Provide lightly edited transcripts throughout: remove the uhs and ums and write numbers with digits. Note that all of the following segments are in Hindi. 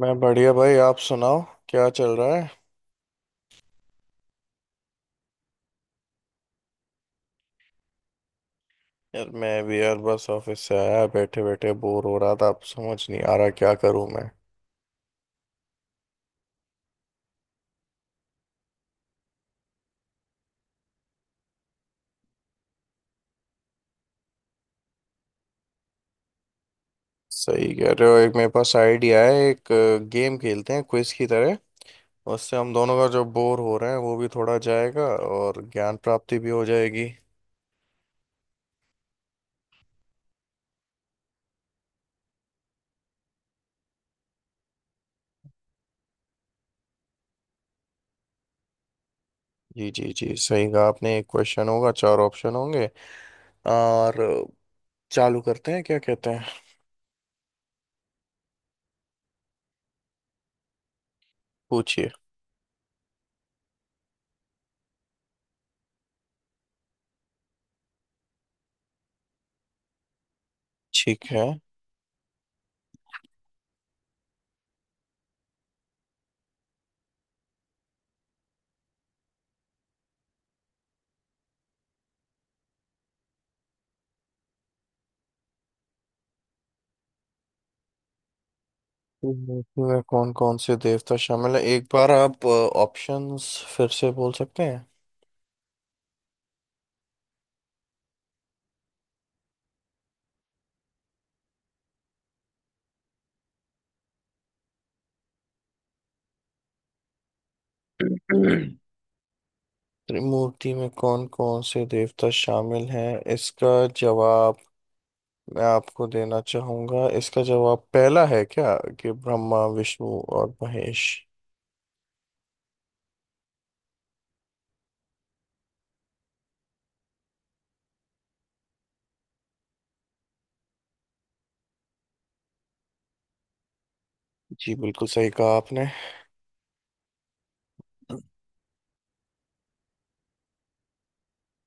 मैं बढ़िया भाई। आप सुनाओ, क्या चल रहा है? यार मैं भी यार बस ऑफिस से आया, बैठे बैठे बोर हो रहा था। अब समझ नहीं आ रहा क्या करूं मैं। सही कह रहे हो, एक मेरे पास आइडिया है। एक गेम खेलते हैं क्विज की तरह। उससे हम दोनों का जो बोर हो रहे हैं वो भी थोड़ा जाएगा और ज्ञान प्राप्ति भी हो जाएगी। जी जी जी, सही कहा आपने। एक क्वेश्चन होगा, चार ऑप्शन होंगे। और चालू करते हैं, क्या कहते हैं? पूछिए। ठीक है, मूर्ति में कौन कौन से देवता शामिल है, एक बार आप ऑप्शंस फिर से बोल सकते हैं? त्रिमूर्ति में कौन कौन से देवता शामिल हैं, इसका जवाब मैं आपको देना चाहूंगा। इसका जवाब पहला है क्या, कि ब्रह्मा विष्णु और महेश। जी बिल्कुल सही कहा आपने।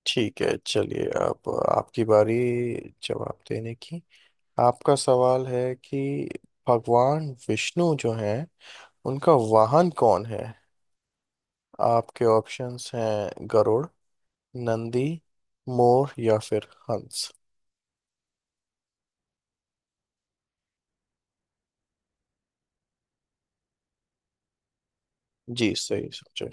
ठीक है, चलिए अब आपकी बारी जवाब देने की। आपका सवाल है कि भगवान विष्णु जो हैं, उनका वाहन कौन है? आपके ऑप्शंस हैं गरुड़, नंदी, मोर या फिर हंस। जी सही सोचे।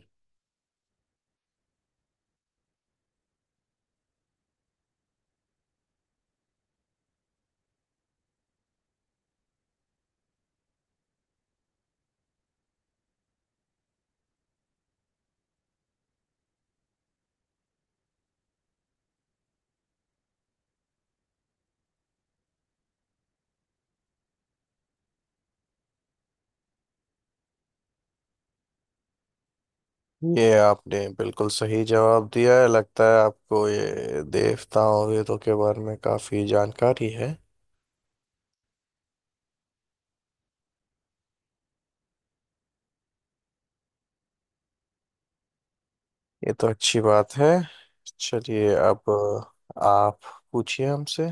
ये आपने बिल्कुल सही जवाब दिया है। लगता है आपको ये देवताओं वेदों के बारे में काफी जानकारी है। ये तो अच्छी बात है। चलिए अब आप पूछिए हमसे।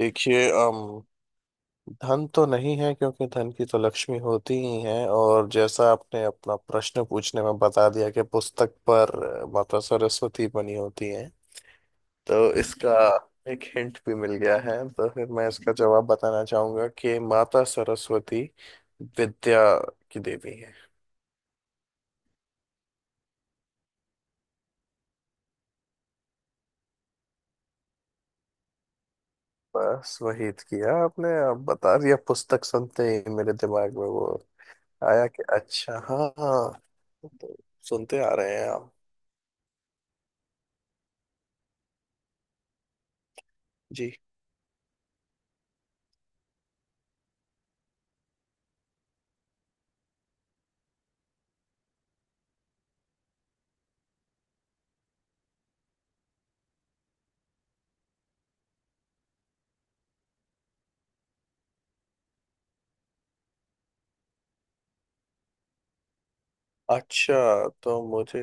देखिए, धन तो नहीं है क्योंकि धन की तो लक्ष्मी होती ही है। और जैसा आपने अपना प्रश्न पूछने में बता दिया कि पुस्तक पर माता सरस्वती बनी होती है, तो इसका जी एक हिंट भी मिल गया है। तो फिर मैं इसका जवाब बताना चाहूंगा कि माता सरस्वती विद्या की देवी है। बस वही किया आपने, अब बता दिया। पुस्तक सुनते ही मेरे दिमाग में वो आया कि अच्छा हाँ हाँ। तो सुनते आ रहे हैं आप जी। अच्छा तो मुझे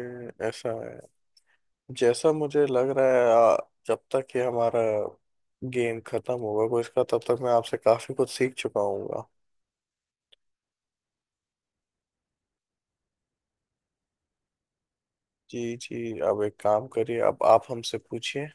ऐसा है, जैसा मुझे लग रहा है जब तक ये हमारा गेम खत्म होगा कोई इसका, तब तक मैं आपसे काफी कुछ सीख चुका हूँगा। जी जी, अब एक काम करिए, अब आप हमसे पूछिए।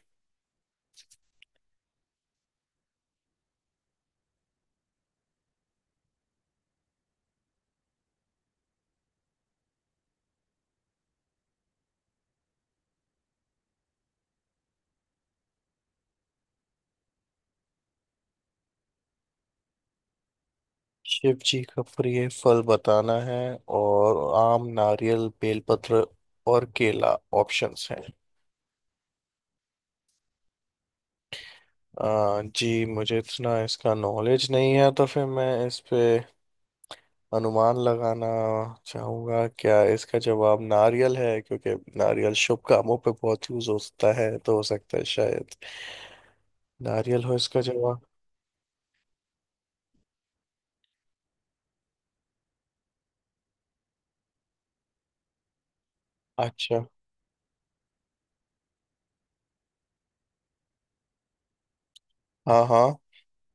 शिव जी का प्रिय फल बताना है? और आम, नारियल, बेलपत्र और केला ऑप्शंस हैं? जी मुझे इतना इसका नॉलेज नहीं है, तो फिर मैं इस पे अनुमान लगाना चाहूंगा। क्या इसका जवाब नारियल है? क्योंकि नारियल शुभ कामों पे बहुत यूज होता है, तो हो सकता है शायद नारियल हो इसका जवाब। अच्छा। हाँ हाँ,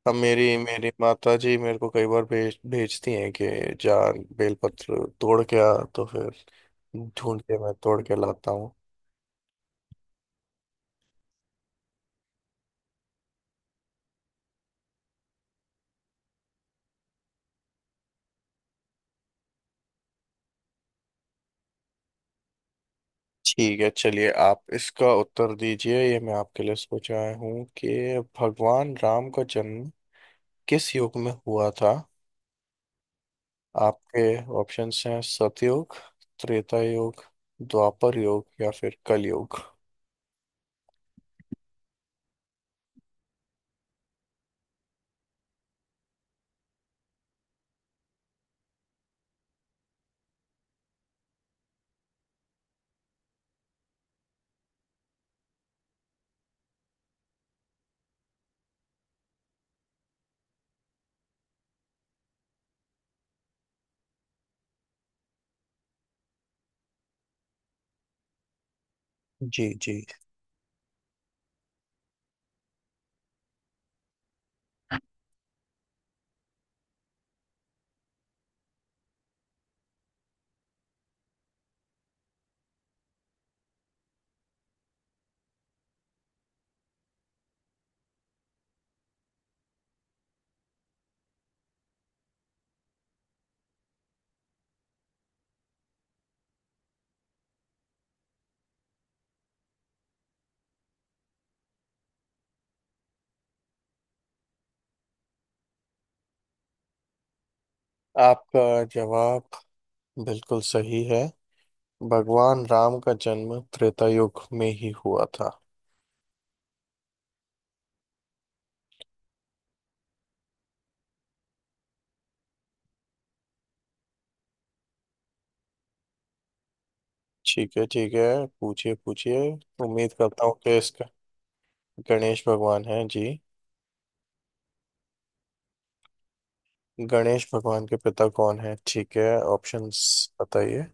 अब मेरी मेरी माता जी मेरे को कई बार भेजती हैं कि जान बेलपत्र तोड़ के आ, तो फिर ढूंढ के मैं तोड़ के लाता हूँ। ठीक है, चलिए आप इसका उत्तर दीजिए, ये मैं आपके लिए सोच आया हूँ कि भगवान राम का जन्म किस युग में हुआ था? आपके ऑप्शंस हैं सतयुग, त्रेता युग, द्वापर युग या फिर कलयुग। जी जी, आपका जवाब बिल्कुल सही है। भगवान राम का जन्म त्रेता युग में ही हुआ था। ठीक है ठीक है, पूछिए पूछिए। उम्मीद करता हूँ कि इसका गणेश भगवान है जी। गणेश भगवान के पिता कौन है? ठीक है, ऑप्शंस बताइए।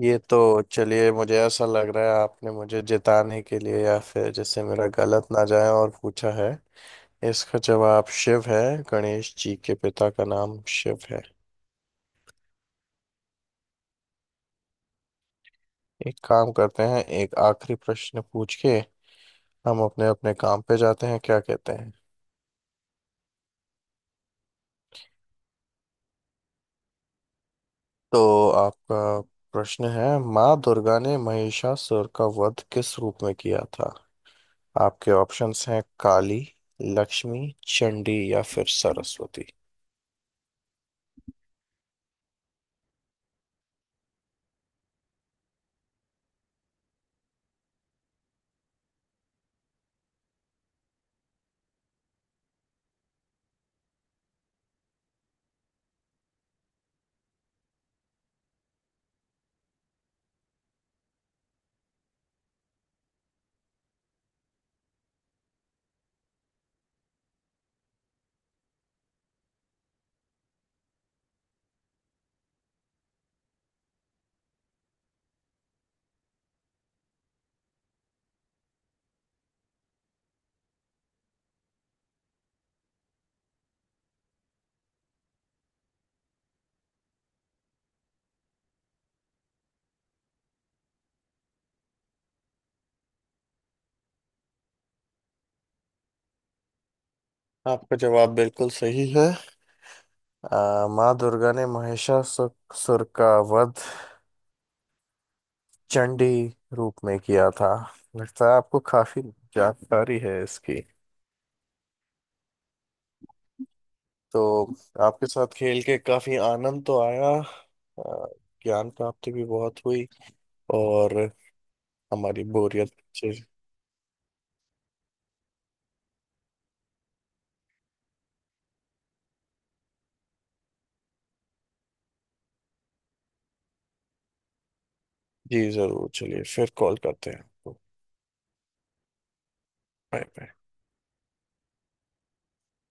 ये तो, चलिए मुझे ऐसा लग रहा है आपने मुझे जिताने के लिए या फिर जैसे मेरा गलत ना जाए और पूछा है। इसका जवाब शिव है। गणेश जी के पिता का नाम शिव है। एक काम करते हैं, एक आखिरी प्रश्न पूछ के हम अपने अपने काम पे जाते हैं, क्या कहते हैं? तो आपका प्रश्न है, माँ दुर्गा ने महिषासुर का वध किस रूप में किया था? आपके ऑप्शंस हैं काली, लक्ष्मी, चंडी या फिर सरस्वती। आपका जवाब बिल्कुल सही है। माँ दुर्गा ने महिषासुर का वध चंडी रूप में किया था। लगता है आपको काफी जानकारी है इसकी। तो आपके साथ खेल के काफी आनंद तो आया, ज्ञान प्राप्ति भी बहुत हुई। और हमारी बोरियत से। जी जरूर, चलिए फिर कॉल करते हैं। Bye bye.